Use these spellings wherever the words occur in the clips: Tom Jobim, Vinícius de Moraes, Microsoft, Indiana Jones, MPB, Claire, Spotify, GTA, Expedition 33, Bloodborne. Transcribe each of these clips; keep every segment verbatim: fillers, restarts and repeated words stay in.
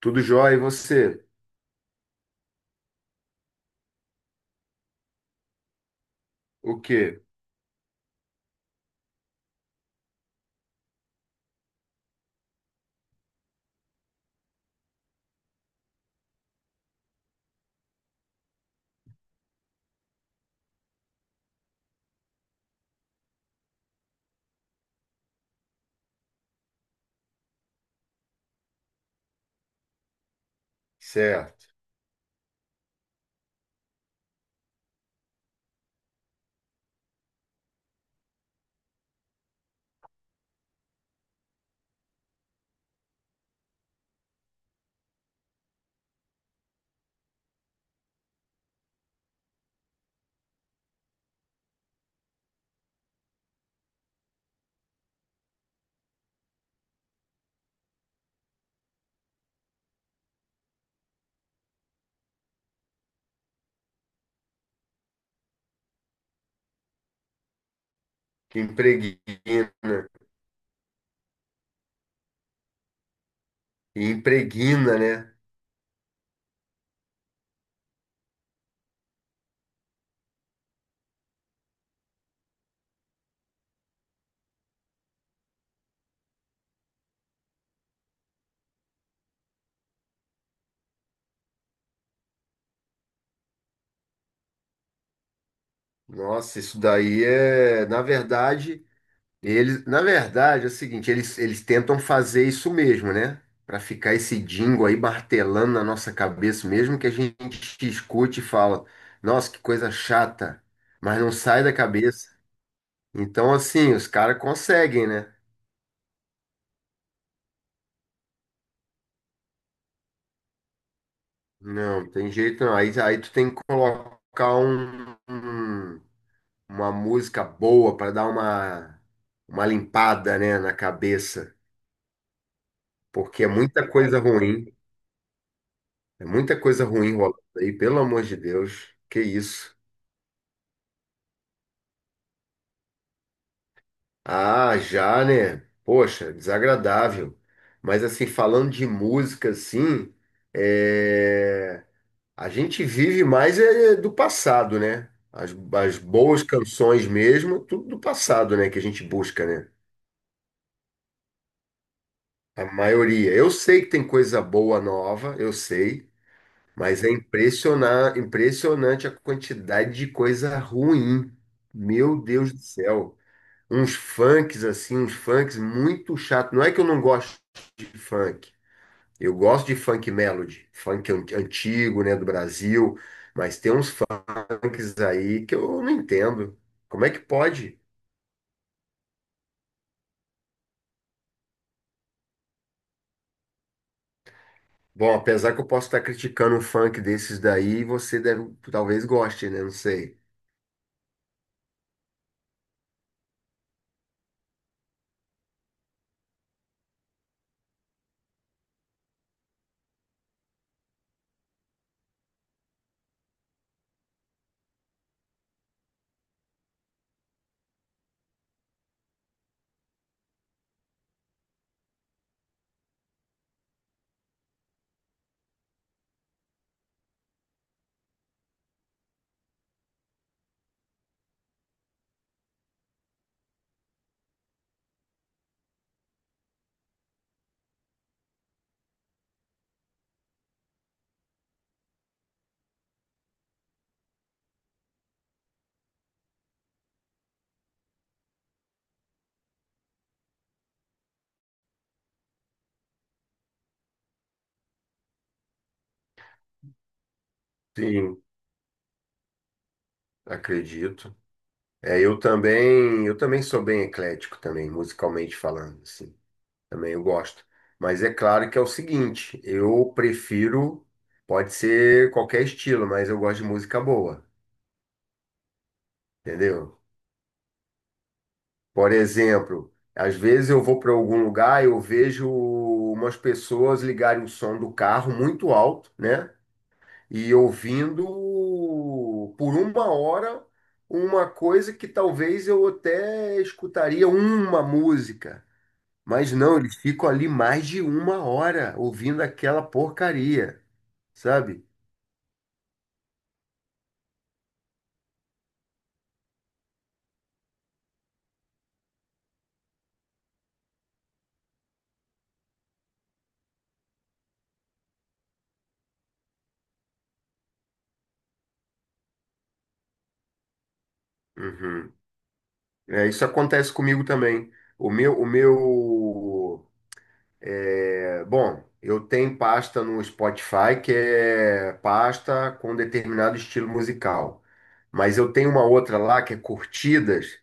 Tudo jóia, e você? O quê? Certo. Que impregna. E impregna, né? Nossa, isso daí é, na verdade, eles, na verdade, é o seguinte, eles, eles tentam fazer isso mesmo, né? Para ficar esse dingo aí martelando na nossa cabeça, mesmo que a gente escute e fala, nossa, que coisa chata, mas não sai da cabeça. Então, assim, os caras conseguem, né? Não, tem jeito não. Aí, aí tu tem que colocar um, um uma música boa para dar uma, uma limpada, né, na cabeça, porque é muita coisa ruim, é muita coisa ruim rolando aí, pelo amor de Deus, que isso. Ah, já, né? Poxa, desagradável. Mas assim, falando de música, assim, é, a gente vive mais é, do passado, né? As, as boas canções mesmo, tudo do passado, né? Que a gente busca, né? A maioria. Eu sei que tem coisa boa nova, eu sei. Mas é impressionar, impressionante a quantidade de coisa ruim. Meu Deus do céu. Uns funks assim, uns funks muito chato. Não é que eu não gosto de funk. Eu gosto de funk melody, funk an- antigo, né, do Brasil, mas tem uns funks aí que eu não entendo. Como é que pode? Bom, apesar que eu posso estar criticando um funk desses daí, você deve, talvez goste, né? Não sei. Sim, acredito. É, eu também, eu também sou bem eclético também, musicalmente falando, assim. Também eu gosto. Mas é claro que é o seguinte, eu prefiro, pode ser qualquer estilo, mas eu gosto de música boa, entendeu? Por exemplo, às vezes eu vou para algum lugar, eu vejo umas pessoas ligarem o som do carro muito alto, né? E ouvindo por uma hora uma coisa que talvez eu até escutaria uma música. Mas não, eles ficam ali mais de uma hora ouvindo aquela porcaria, sabe? Uhum. É, isso acontece comigo também. O meu, o meu, é, bom, eu tenho pasta no Spotify que é pasta com determinado estilo musical, mas eu tenho uma outra lá que é curtidas,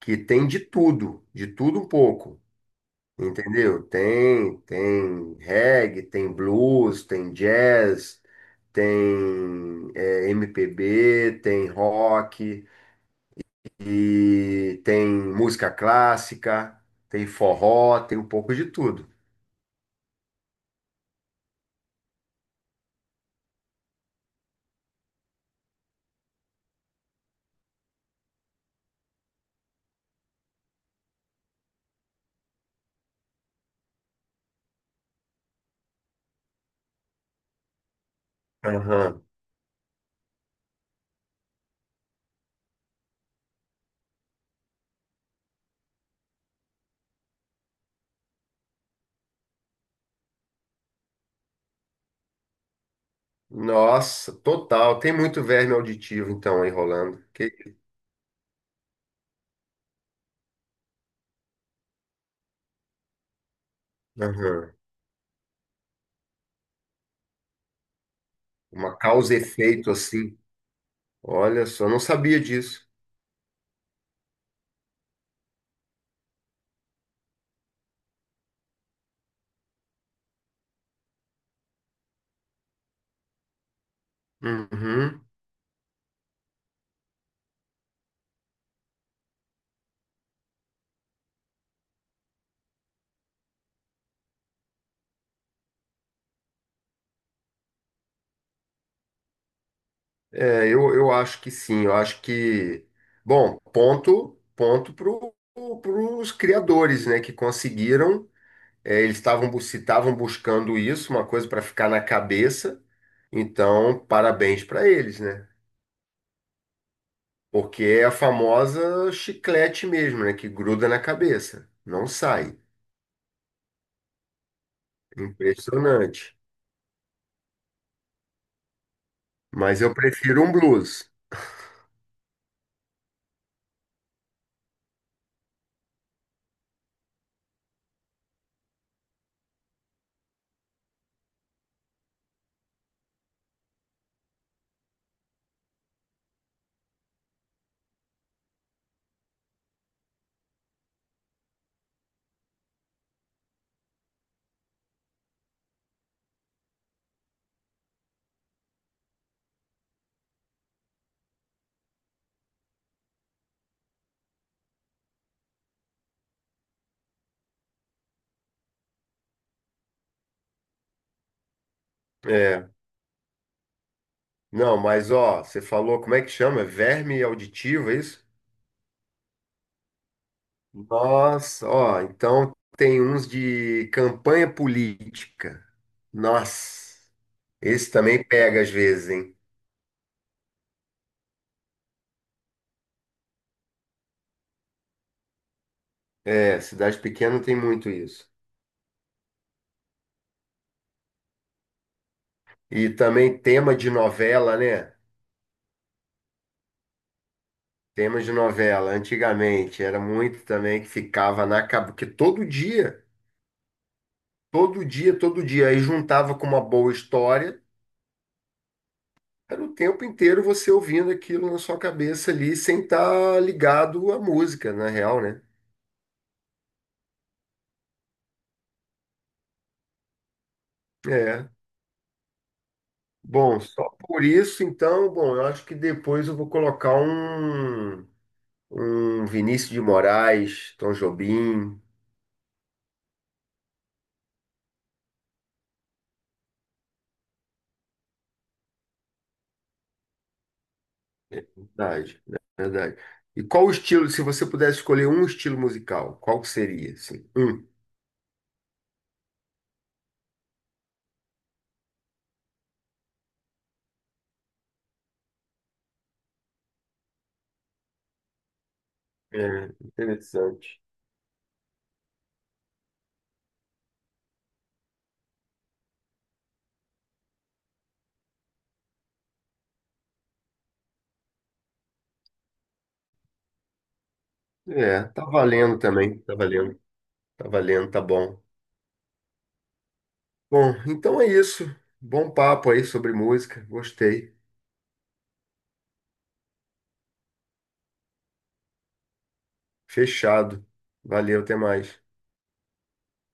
que tem de tudo, de tudo um pouco. Entendeu? Tem, tem reggae, tem blues, tem jazz, tem é, M P B, tem rock, e tem música clássica, tem forró, tem um pouco de tudo. Aham. Nossa, total. Tem muito verme auditivo, então, aí rolando. Que- Aham. Uma causa e efeito, assim. Olha só, não sabia disso. Uhum. É, eu, eu acho que sim. Eu acho que... Bom, ponto, ponto para os criadores, né, que conseguiram. É, eles estavam bu- se estavam buscando isso, uma coisa para ficar na cabeça. Então, parabéns para eles, né? Porque é a famosa chiclete mesmo, né? Que gruda na cabeça, não sai. Impressionante. Mas eu prefiro um blues. É. Não, mas ó, você falou como é que chama? Verme auditivo, é isso? Nossa, ó, então tem uns de campanha política. Nossa, esse também pega às vezes, hein? É, cidade pequena tem muito isso. E também tema de novela, né? Tema de novela, antigamente era muito também que ficava na cabeça, porque todo dia, todo dia, todo dia, aí juntava com uma boa história, era o tempo inteiro você ouvindo aquilo na sua cabeça ali, sem estar ligado à música, na real, né? É. Bom, só por isso, então, bom, eu acho que depois eu vou colocar um, um Vinícius de Moraes, Tom Jobim. Verdade, verdade. E qual o estilo, se você pudesse escolher um estilo musical, qual que seria, assim? Um. É, interessante. É, tá valendo também, tá valendo, tá valendo, tá bom. Bom, então é isso. Bom papo aí sobre música, gostei. Fechado. Valeu, até mais.